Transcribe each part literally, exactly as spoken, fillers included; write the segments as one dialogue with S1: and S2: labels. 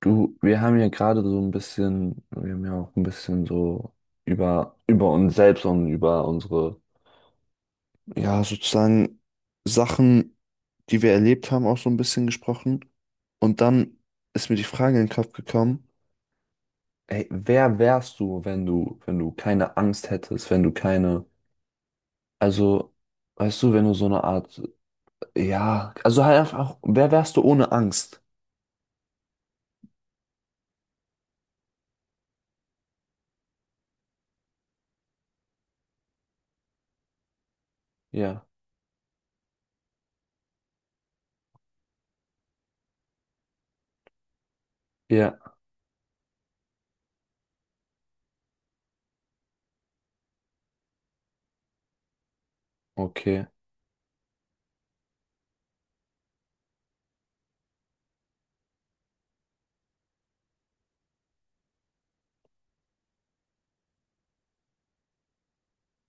S1: Du, wir haben ja gerade so ein bisschen, wir haben ja auch ein bisschen so über, über uns selbst und über unsere, ja, sozusagen Sachen, die wir erlebt haben, auch so ein bisschen gesprochen. Und dann ist mir die Frage in den Kopf gekommen, ey, wer wärst du, wenn du, wenn du keine Angst hättest, wenn du keine, also, weißt du, wenn du so eine Art, ja, also halt einfach, wer wärst du ohne Angst? Ja, ja, okay,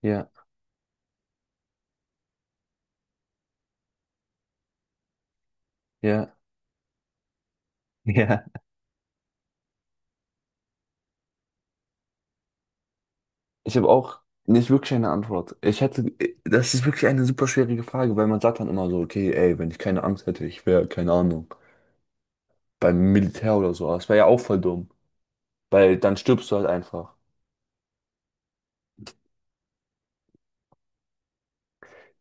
S1: ja, ja, ja. Ich habe auch nicht wirklich eine Antwort. Ich hätte, das ist wirklich eine super schwierige Frage, weil man sagt dann immer so, okay, ey, wenn ich keine Angst hätte, ich wäre, keine Ahnung, beim Militär oder so. Aber das wäre ja auch voll dumm, weil dann stirbst du halt einfach.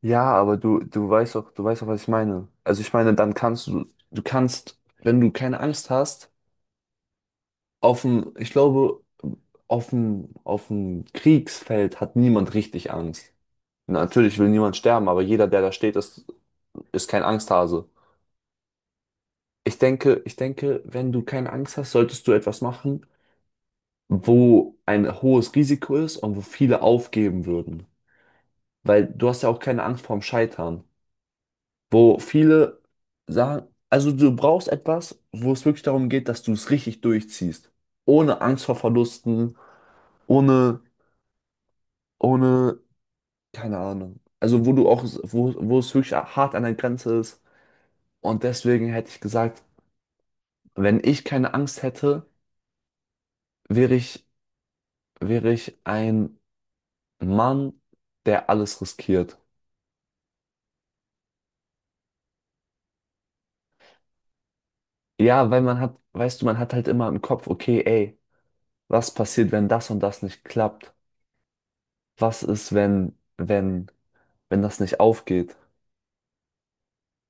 S1: Ja, aber du, du weißt auch, du weißt auch, was ich meine. Also ich meine, dann kannst du, du kannst, wenn du keine Angst hast, auf dem, ich glaube, auf dem, auf dem Kriegsfeld hat niemand richtig Angst. Natürlich will niemand sterben, aber jeder, der da steht, ist, ist kein Angsthase. Ich denke, ich denke, wenn du keine Angst hast, solltest du etwas machen, wo ein hohes Risiko ist und wo viele aufgeben würden. Weil du hast ja auch keine Angst vorm Scheitern. Wo viele sagen, also du brauchst etwas, wo es wirklich darum geht, dass du es richtig durchziehst. Ohne Angst vor Verlusten, ohne, ohne, keine Ahnung. Also wo du auch, wo, wo es wirklich hart an der Grenze ist. Und deswegen hätte ich gesagt, wenn ich keine Angst hätte, wäre ich, wäre ich ein Mann, der alles riskiert. Ja, weil man hat, weißt du, man hat halt immer im Kopf, okay, ey, was passiert, wenn das und das nicht klappt? Was ist, wenn, wenn, wenn das nicht aufgeht?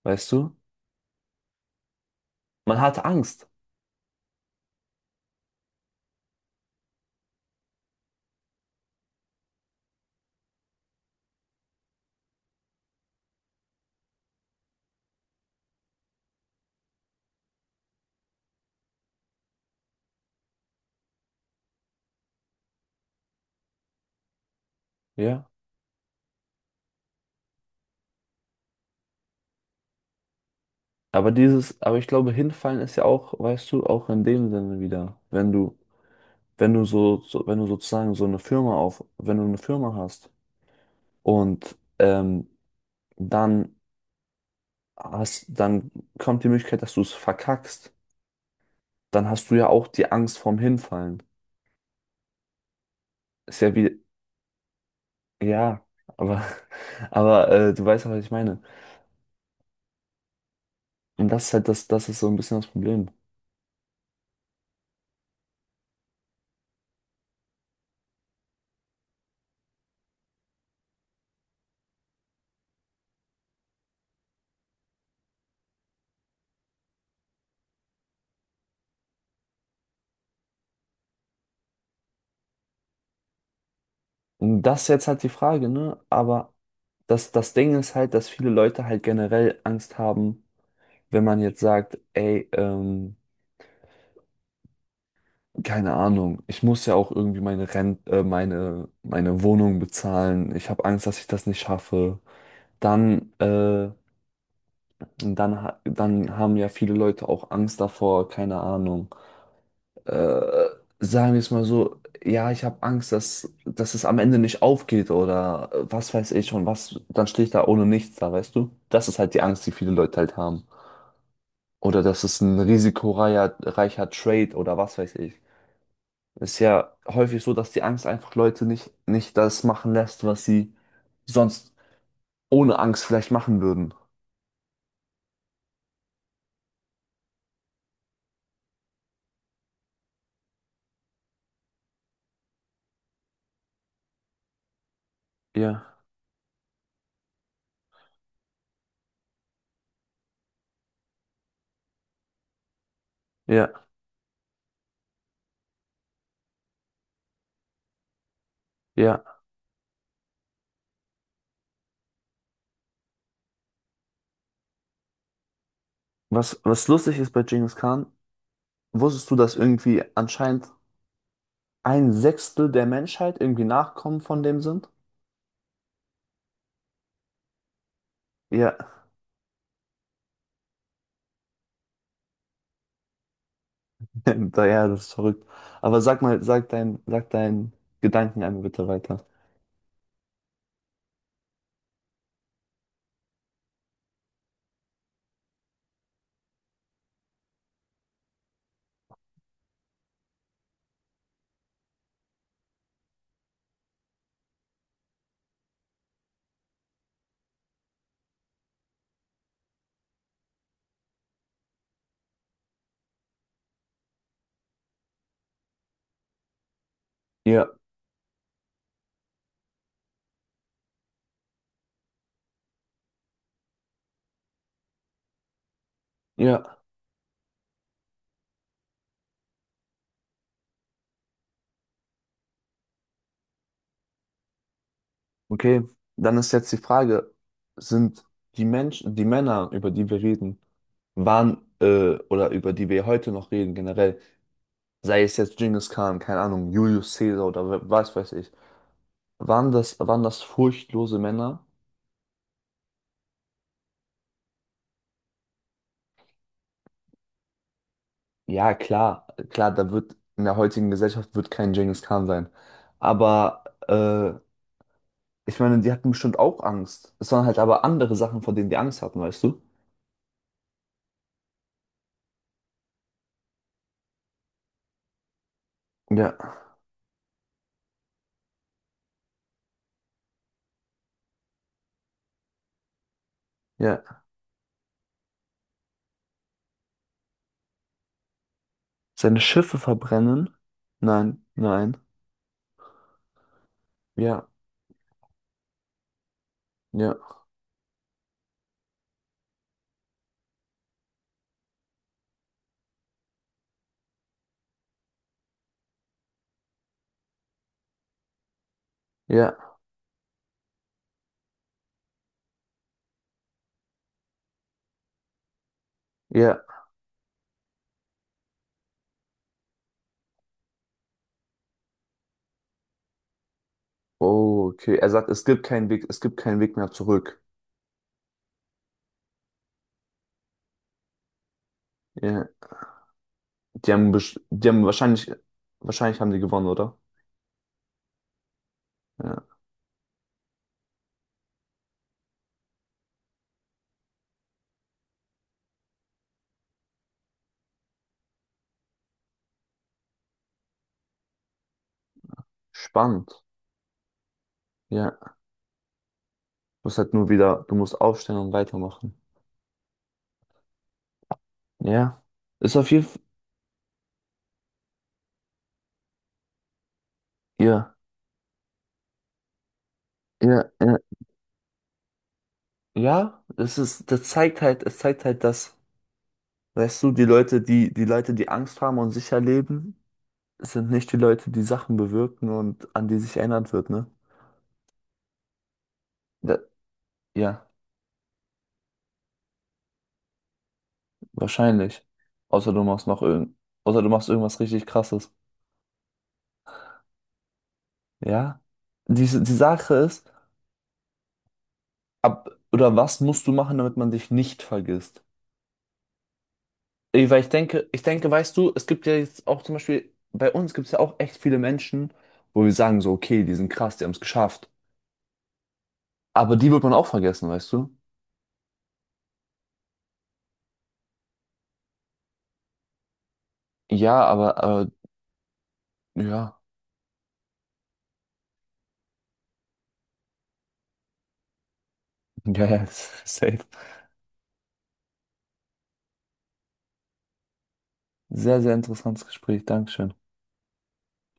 S1: Weißt du? Man hat Angst, ja. Aber dieses, aber ich glaube, hinfallen ist ja auch, weißt du, auch in dem Sinne wieder, wenn du, wenn du so, so wenn du sozusagen so eine Firma auf, wenn du eine Firma hast und ähm, dann hast, dann kommt die Möglichkeit, dass du es verkackst, dann hast du ja auch die Angst vorm Hinfallen. Ist ja wie, ja, aber, aber äh, du weißt ja, was ich meine. Und das ist halt das, das ist so ein bisschen das Problem. Und das ist jetzt halt die Frage, ne? Aber das, das Ding ist halt, dass viele Leute halt generell Angst haben, wenn man jetzt sagt, ey, ähm, keine Ahnung, ich muss ja auch irgendwie meine Rent, äh, meine, meine Wohnung bezahlen. Ich habe Angst, dass ich das nicht schaffe. Dann, äh, dann, ha- dann haben ja viele Leute auch Angst davor, keine Ahnung, äh, sagen wir es mal so, ja, ich habe Angst, dass, dass es am Ende nicht aufgeht oder äh, was weiß ich schon, was, dann stehe ich da ohne nichts da, weißt du? Das ist halt die Angst, die viele Leute halt haben. Oder dass es ein risikoreicher reicher Trade oder was weiß ich. Ist ja häufig so, dass die Angst einfach Leute nicht, nicht das machen lässt, was sie sonst ohne Angst vielleicht machen würden. Ja, ja, ja. Was, was lustig ist bei Genghis Khan, wusstest du, dass irgendwie anscheinend ein Sechstel der Menschheit irgendwie Nachkommen von dem sind? Ja, da- ja, das ist verrückt. Aber sag mal, sag dein, sag deinen Gedanken einmal bitte weiter. Ja, ja, okay. Dann ist jetzt die Frage, sind die Menschen, die Männer, über die wir reden, waren, äh, oder über die wir heute noch reden, generell, sei es jetzt Genghis Khan, keine Ahnung, Julius Caesar oder we- was weiß ich, waren das, waren das furchtlose Männer? Ja, klar, klar, da wird in der heutigen Gesellschaft wird kein Genghis Khan sein. Aber äh, ich meine, die hatten bestimmt auch Angst. Es waren halt aber andere Sachen, vor denen die Angst hatten, weißt du? Ja, ja. Seine Schiffe verbrennen? Nein, nein. Ja, ja, ja, ja. Oh, okay. Er sagt, es gibt keinen Weg, es gibt keinen Weg mehr zurück. Ja. Die haben, best- die haben wahrscheinlich, wahrscheinlich haben die gewonnen, oder? Ja. Spannend. Ja. Du musst halt nur wieder, du musst aufstehen und weitermachen. Ja, ist auf jeden Fall, ja, ja, ja, ja, es ist, das zeigt halt, es zeigt halt, dass, weißt du, die Leute, die, die Leute, die Angst haben und sicher leben, sind nicht die Leute, die Sachen bewirken und an die sich erinnert wird, ne? Da, ja, wahrscheinlich. Außer du machst noch irgend, Außer du machst irgendwas richtig Krasses. Ja? Die, die Sache ist, ab, oder was musst du machen, damit man dich nicht vergisst? Ey, weil ich denke, ich denke, weißt du, es gibt ja jetzt auch zum Beispiel, bei uns gibt es ja auch echt viele Menschen, wo wir sagen so, okay, die sind krass, die haben es geschafft. Aber die wird man auch vergessen, weißt du? Ja, aber, aber ja, ja, ja, safe. Sehr, sehr interessantes Gespräch, Dankeschön.